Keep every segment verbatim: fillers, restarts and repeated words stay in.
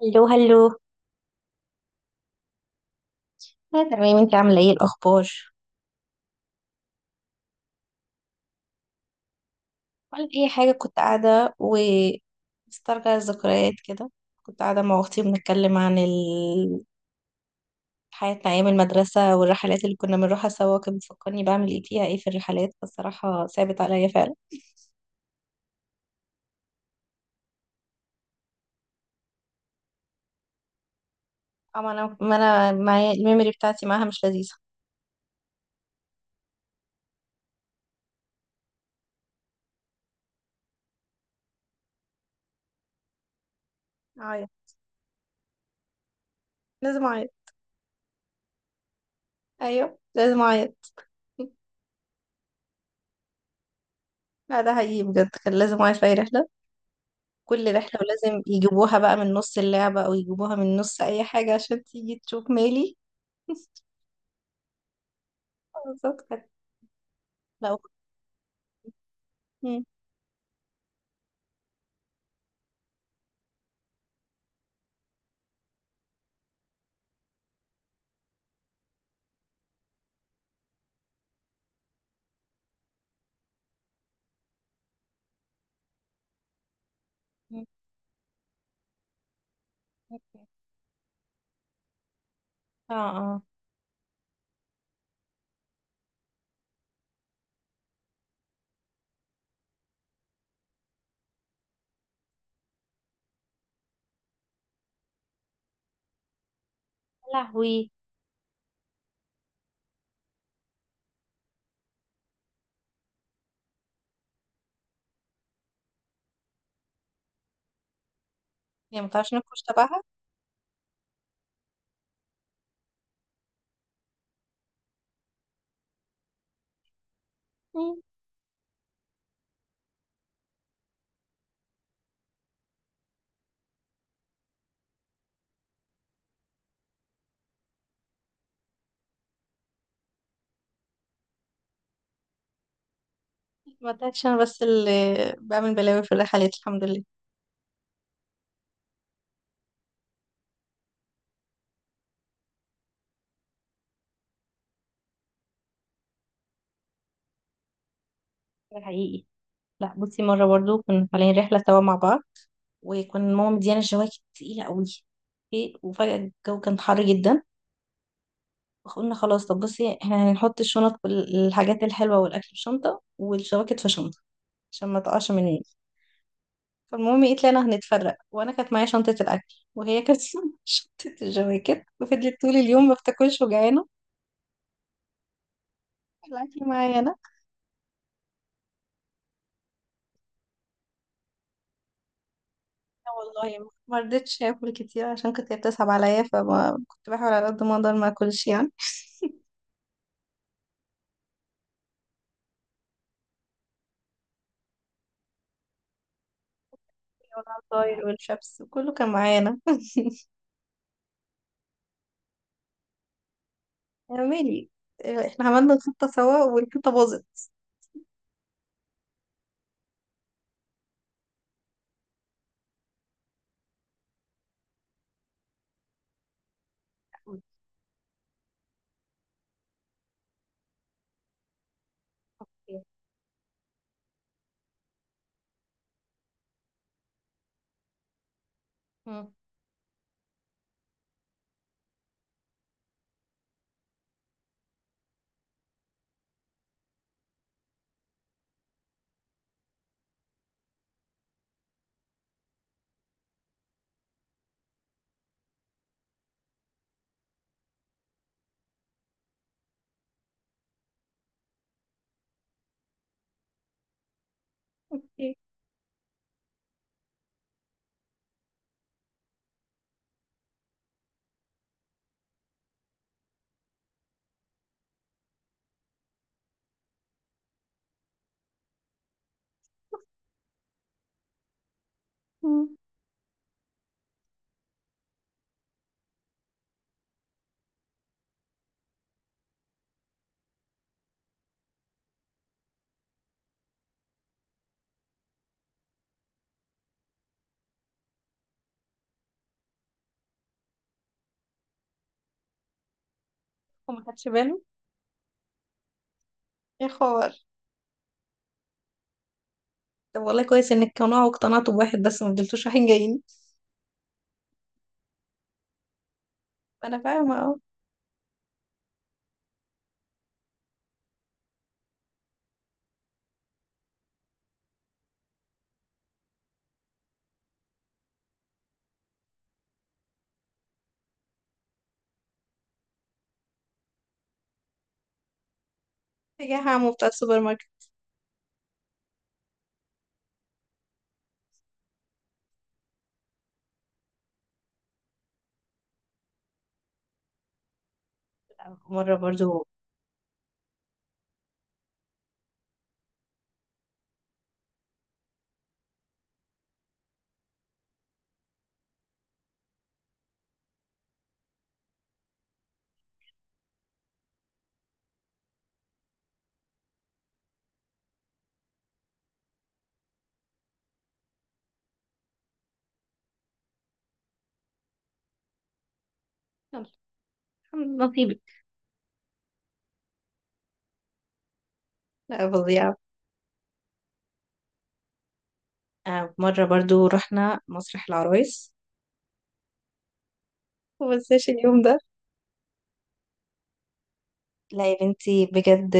هلو هلو أنا تمام، انت عاملة ايه الأخبار؟ ولا أي حاجة، كنت قاعدة و بسترجع الذكريات كده. كنت قاعدة مع أختي بنتكلم عن ال... حياتنا أيام المدرسة والرحلات اللي كنا بنروحها سوا. كانت بتفكرني بعمل ايه فيها ايه في الرحلات، فالصراحة ثابت عليا فعلا. أما أنا ما أنا معايا الميموري بتاعتي معاها مش لذيذة. أعيط، لازم أعيط. أيوه لازم أعيط. لا ده حقيقي بجد، كان لازم أعيط في أي رحلة. كل رحلة ولازم يجيبوها بقى من نص اللعبة أو يجيبوها من نص أي حاجة عشان تيجي تشوف مالي. بالظبط كانت. لو مم. مم. اه اه. يا لهوي، هي ما تعرفش نفكش تبعها. مم. ما تعرفش، أنا بس اللي بعمل بلاوي في الرحلات الحمد لله. ده حقيقي. لا بصي، مرة برضو كنا طالعين رحلة سوا مع بعض، وكنا ماما مديانا جواكت تقيلة قوي، إيه، وفجأة الجو كان حر جدا. قلنا خلاص، طب بصي احنا هنحط الشنط والحاجات الحلوة والأكل في شنطة والشواكت في شنطة عشان ما تقعش مني. فالمهم ايه، طلعنا هنتفرق، وانا كانت معايا شنطة الأكل، وهي كانت شنطة الجواكت، وفضلت طول اليوم ما بتاكلش وجعانة. الأكل معايا أنا. لا والله ما رضيتش آكل كتير، عشان كنت هي بتسحب عليا، فما كنت بحاول على قد ما أقدر ما أكلش يعني. والعصاير والشبس وكله كان معايا أنا. يا مالي، احنا عملنا الخطة سوا والخطة باظت. أوكي. مم. أوكي. مم. وما خدش باله. ايه خبر. طب والله كويس انك قناعة واقتنعتوا بواحد بس ما فضلتوش رايحين جايين. انا فاهمة اه. اتجاه عمو بتاع السوبر ماركت. مرة برضو. يلا، الحمد لله نصيبك. لا فظيعة. آه، مرة برضو رحنا مسرح العرايس، ومنساش اليوم ده. لا يا بنتي بجد،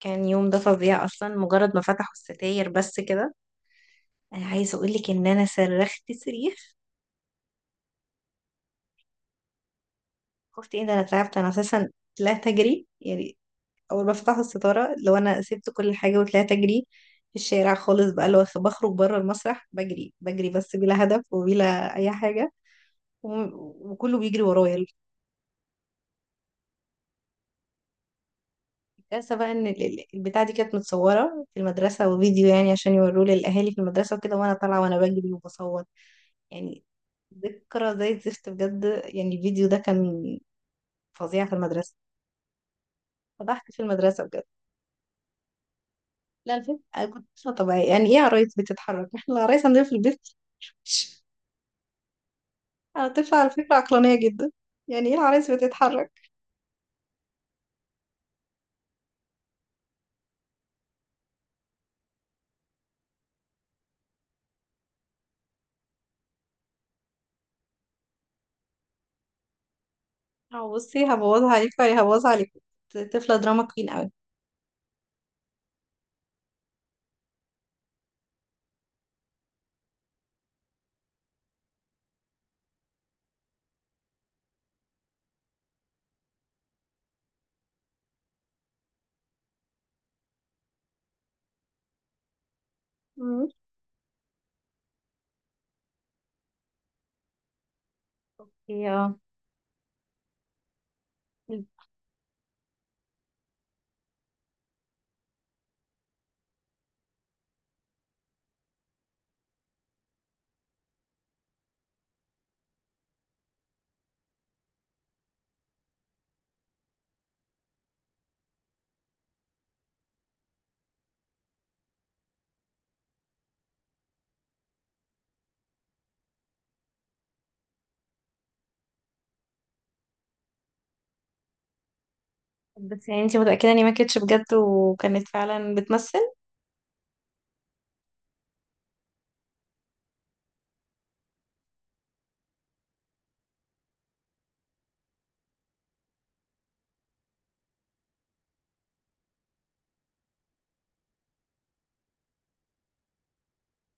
كان يوم ده فظيع اصلا. مجرد ما فتحوا الستاير بس كده، انا عايزه اقول لك ان انا صرخت صريخ. خفت ايه ده، انا تعبت انا اساسا، طلعت اجري يعني. اول ما فتحوا الستاره، لو انا سبت كل حاجه وطلعت اجري في الشارع خالص بقى، لو بخرج بره المسرح بجري بجري بس بلا هدف وبلا اي حاجه. و- وكله بيجري ورايا. الكارثه بقى ان ال- ال- البتاعه دي كانت متصوره في المدرسه، وفيديو يعني عشان يوروه للاهالي في المدرسه وكده، وانا طالعه وانا بجري وبصور يعني. ذكرى زي الزفت بجد، يعني الفيديو ده كان فظيع في المدرسه. فضحت في المدرسه بجد. لا الفيلم أنا كنت مش طبيعي، يعني ايه عرايس بتتحرك؟ احنا العرايس عندنا في البيت. انا طفلة على فكرة عقلانية جدا، يعني ايه العرايس بتتحرك؟ اه بصي، هبوظها عليك ولا هبوظها عليك، طفلة دراما كوين قوي. مم. هي اه. بس يعني انتي متأكدة اني ما كانتش بجد وكانت فعلا بتمثل؟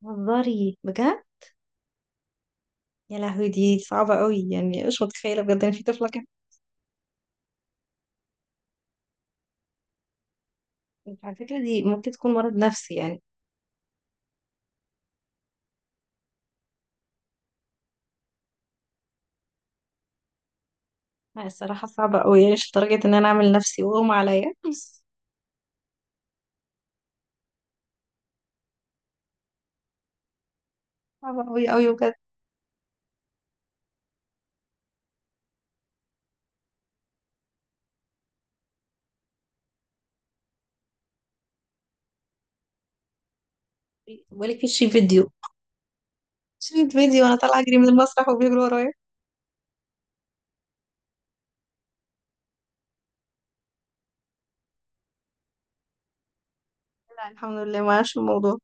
هزاري بجد. يا لهوي دي صعبة قوي، يعني مش متخيلة بجد ان في طفلة كده. انت على فكرة دي ممكن تكون مرض نفسي يعني. لا الصراحة صعبة قوي، يعني مش لدرجة ان انا اعمل نفسي واغمى عليا بس. صعبة قوي قوي بجد. بقولك في شريط فيديو، شريط فيديو وانا طالعة اجري من المسرح وبيجروا ورايا. لا الحمد لله ما اعرفش الموضوع.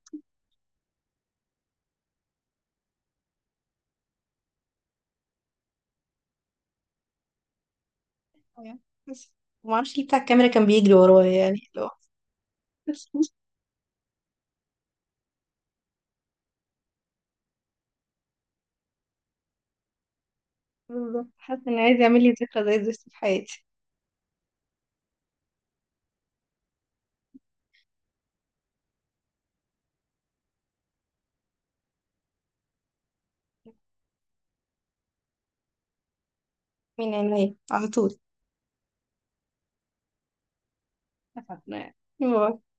بس ما اعرفش ليه بتاع الكاميرا كان بيجري ورايا، يعني اللي هو بالظبط، حاسه ان عايز يعمل لي ذكرى زي دي في حياتي. من عينيا على طول. اتفقنا يعني. باي.